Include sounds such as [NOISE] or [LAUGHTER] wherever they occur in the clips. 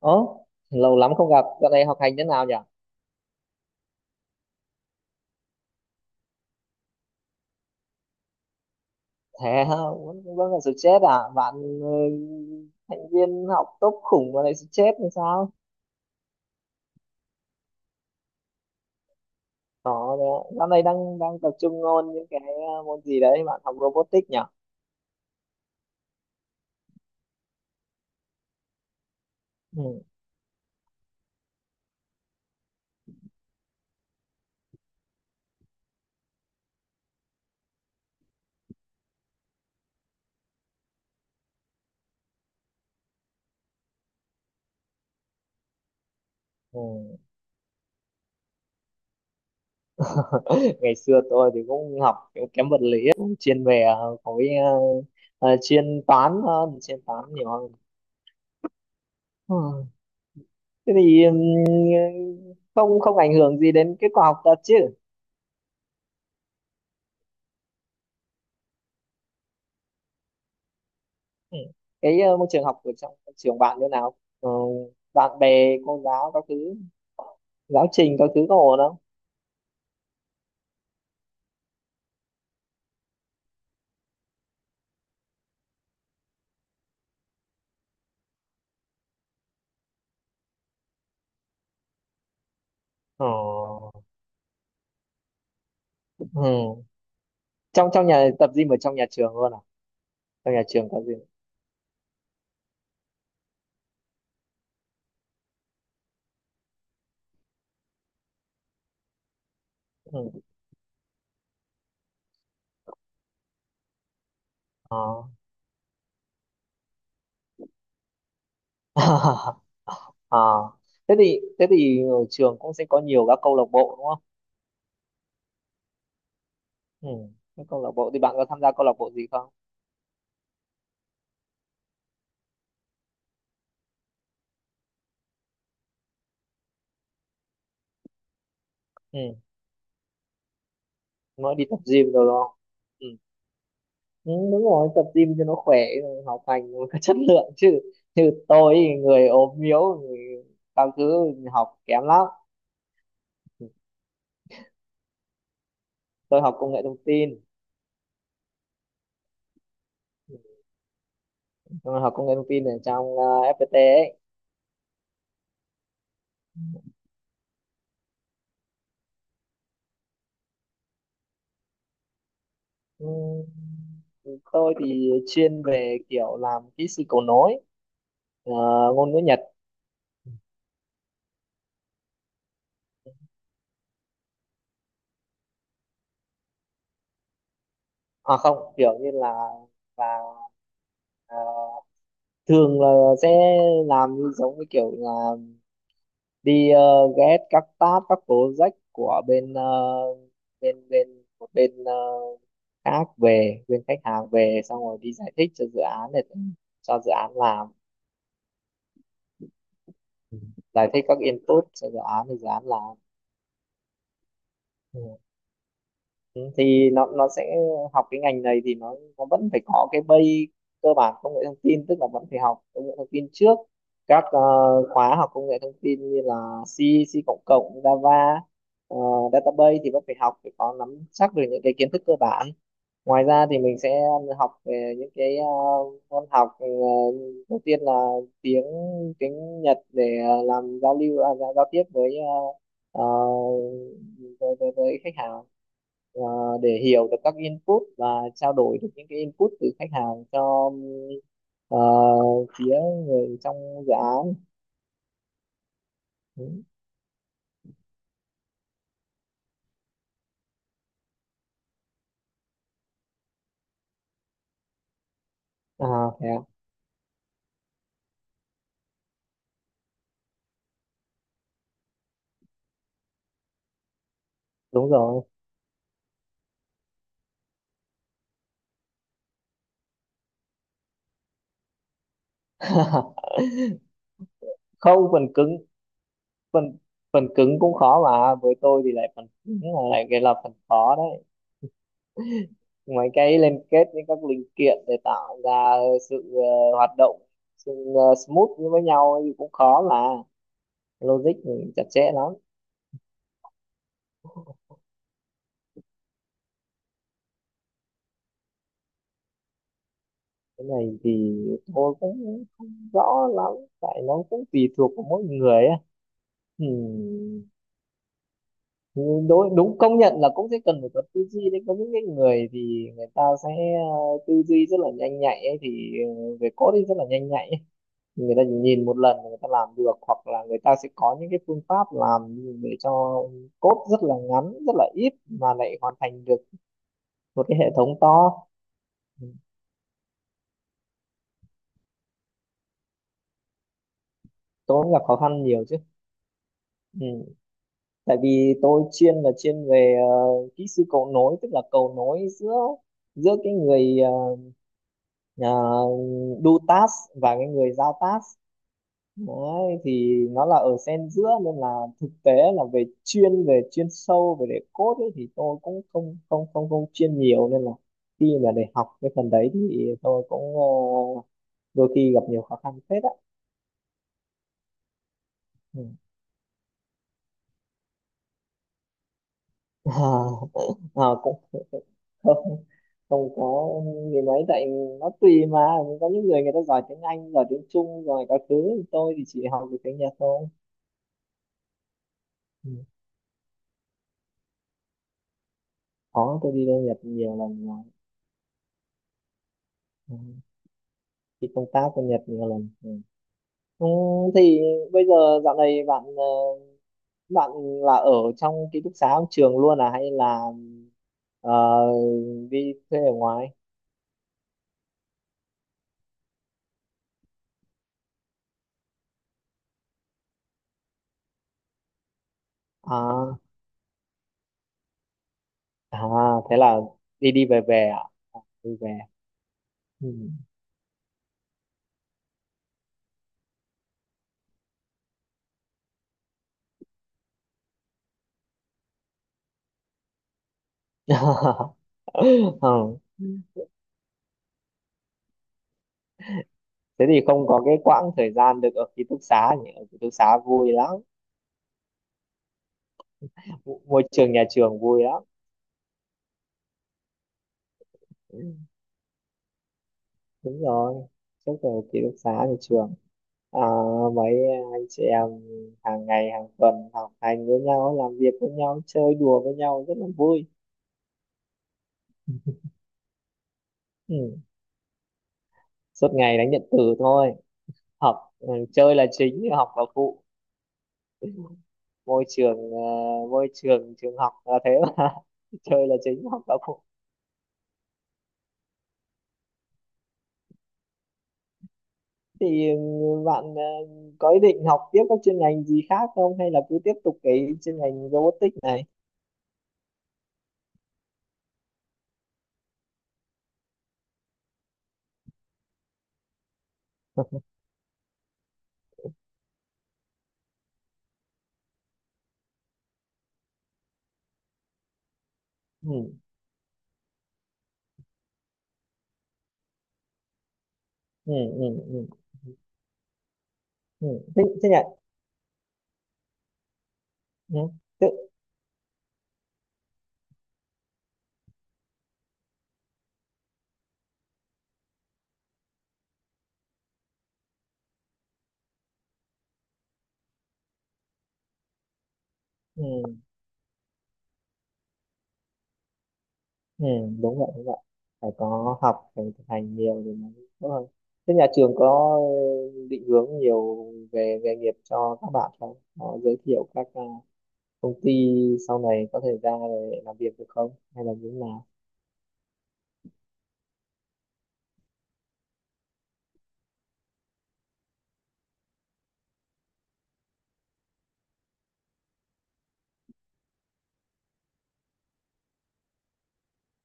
Ố, lâu lắm không gặp, dạo này học hành thế nào nhỉ? Thế hả? Vẫn vẫn còn stress à? Bạn ừ, thành viên học tốt khủng mà lại stress làm sao? Đó, đấy. Dạo này đang đang tập trung ôn những cái môn gì đấy, bạn học robotics nhỉ? Ừ. Ừ. Ngày xưa tôi thì cũng học kiểu kém vật lý, cũng chuyên về khối chuyên toán hơn, chuyên toán nhiều hơn. Ừ. Thế thì không không ảnh hưởng gì đến kết quả học tập chứ? Ừ. Cái môi trường học ở trong trường bạn như nào? Ờ, bạn bè, cô giáo các thứ, giáo trình các thứ có ổn không? Ờ, Ừ. Trong trong nhà tập gym ở trong nhà trường luôn à? Trong nhà trường tập gym. Ừ. ờ, [LAUGHS] À, thế thì ở trường cũng sẽ có nhiều các câu lạc bộ đúng không? Ừ. Các câu lạc bộ thì bạn có tham gia câu lạc bộ gì không? Ừ. Mới đi tập gym rồi đúng không? Ừ. Ừ, đúng rồi, tập gym cho nó khỏe, học hành nó có chất lượng chứ. Như tôi thì người ốm yếu, người các thứ, học kém lắm. Tôi học công nghệ thông tin. Tôi học công nghệ thông tin ở trong FPT ấy. Ừ, tôi thì chuyên về kiểu làm kỹ sư cầu nối, ờ, ngôn ngữ Nhật. À không, kiểu như là là ờ, thường là sẽ làm như giống như kiểu là đi ghé các tab các project của bên ờ, bên bên một bên ờ, khác, về bên khách hàng về, xong rồi đi giải thích cho dự án để cho dự án làm, giải thích các input cho dự án thì dự án làm. Ừ, thì nó sẽ, học cái ngành này thì nó vẫn phải có cái base cơ bản công nghệ thông tin, tức là vẫn phải học công nghệ thông tin trước. Các khóa học công nghệ thông tin như là C, C cộng cộng, Java, ờ, database thì vẫn phải học, phải có nắm chắc được những cái kiến thức cơ bản. Ngoài ra thì mình sẽ học về những cái môn học, đầu tiên là tiếng tiếng Nhật để làm giao lưu à, giao giao tiếp với ờ, ờ, với khách hàng. Ờ, để hiểu được các input và trao đổi được những cái input từ khách hàng cho ờ, phía người trong dự án. Ừ. à, thế à? Đúng rồi. [LAUGHS] Không, phần cứng, phần phần cứng cũng khó mà, với tôi thì lại phần cứng là lại cái là phần khó đấy. Mấy cái liên kết với các linh kiện để tạo ra sự hoạt động, sự smooth với nhau thì cũng khó mà, logic thì chặt chẽ lắm. Cái này thì tôi cũng không rõ lắm, tại nó cũng tùy thuộc vào mỗi người á. Ừ. Nhưng đối đúng công nhận là cũng sẽ cần phải có tư duy đấy, có những cái người thì người ta sẽ ờ, tư duy rất là nhanh nhạy ấy, thì về code thì rất là nhanh nhạy ấy. Người ta chỉ nhìn một lần là người ta làm được, hoặc là người ta sẽ có những cái phương pháp làm để cho code rất là ngắn rất là ít mà lại hoàn thành được một cái hệ thống to. Ừ, tôi cũng gặp khó khăn nhiều chứ. Ừ. Tại vì tôi chuyên là chuyên về kỹ sư cầu nối, tức là cầu nối giữa giữa cái người do task và cái người giao task. Đấy, thì nó là ở xen giữa nên là thực tế là về chuyên sâu về để code ấy, thì tôi cũng không không không không chuyên nhiều nên là khi mà để học cái phần đấy thì tôi cũng đôi khi gặp nhiều khó khăn phết á. Ừ. à, à, cũng không không có gì mấy, tại nó tùy mà, có những người người ta giỏi tiếng Anh, giỏi tiếng Trung giỏi các thứ, tôi thì chỉ học được tiếng Nhật thôi. Ừ. Có, tôi đi lên Nhật nhiều lần rồi. Ừ. Đi công tác bên Nhật nhiều lần. Ừ. Ừ, thì bây giờ dạo này bạn bạn là ở trong ký túc xá trong trường luôn à hay là ờ, đi thuê ở ngoài. À à, thế là đi đi về về à. À, đi về. Ừ. [LAUGHS] Không, thế thì không có cái quãng thời gian được ở ký túc xá nhỉ, ở ký túc xá vui lắm. Mu- môi trường nhà trường vui lắm. Ừ, đúng rồi, trước ở ký túc xá nhà trường. À, mấy anh chị em hàng ngày hàng tuần học hành với nhau, làm việc với nhau, chơi đùa với nhau, rất là vui. Ừ. Suốt ngày đánh điện tử thôi, học ừ, chơi là chính học là phụ. Môi trường môi trường trường học là thế mà, [LAUGHS] chơi là chính học là phụ. Thì bạn có ý định học tiếp các chuyên ngành gì khác không, hay là cứ tiếp tục cái chuyên ngành robotics này. [LAUGHS] ừ ừ ừ ừ ừ. Thế thế nhỉ. Ừ. Thế, ừ ừ. Đúng vậy đúng vậy, phải có học phải thực hành nhiều thì mới tốt hơn. Thế nhà trường có định hướng nhiều về nghề nghiệp cho các bạn không, có giới thiệu các công ty sau này có thể ra để làm việc được không hay là như thế nào?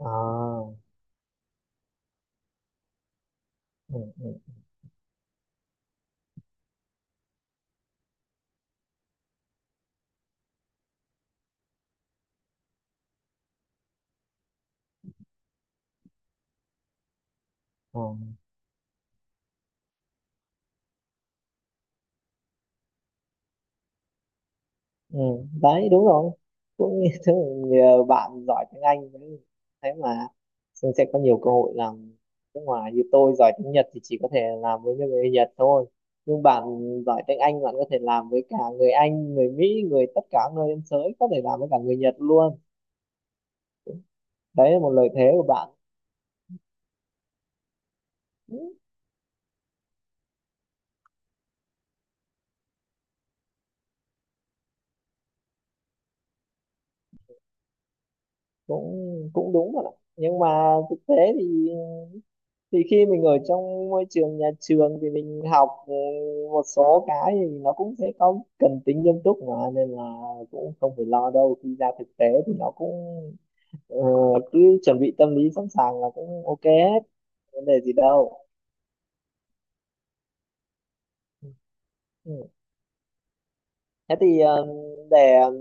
à, ừ, ừ. ừ, ừ, đấy đúng rồi, cũng như thế, [LAUGHS] nhờ bạn giỏi tiếng Anh đấy. Thế mà Sương sẽ có nhiều cơ hội làm nước ngoài, như tôi giỏi tiếng Nhật thì chỉ có thể làm với người Nhật thôi, nhưng bạn giỏi tiếng Anh, bạn có thể làm với cả người Anh, người Mỹ, người tất cả nơi trên thế giới, có thể làm với cả người Nhật luôn. Đấy là một lợi thế của bạn. Ừ, cũng cũng đúng rồi ạ. Nhưng mà thực tế thì khi mình ở trong môi trường nhà trường thì mình học một số cái thì nó cũng sẽ có cần tính nghiêm túc mà, nên là cũng không phải lo đâu, khi ra thực tế thì nó cũng ờ, cứ chuẩn bị tâm lý sẵn sàng là cũng ok hết, vấn đề gì đâu. Ừ. Thế thì để ờ,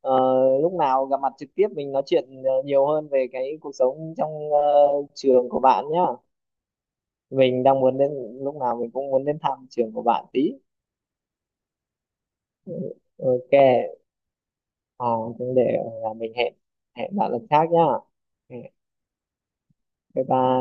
ờ, lúc nào gặp mặt trực tiếp mình nói chuyện nhiều hơn về cái cuộc sống trong trường của bạn nhá. Mình đang muốn đến, lúc nào mình cũng muốn đến thăm trường của bạn tí. Ừ, ok. Ờ, cũng để mình hẹn, hẹn bạn lần khác nhá. Ừ, bye bye.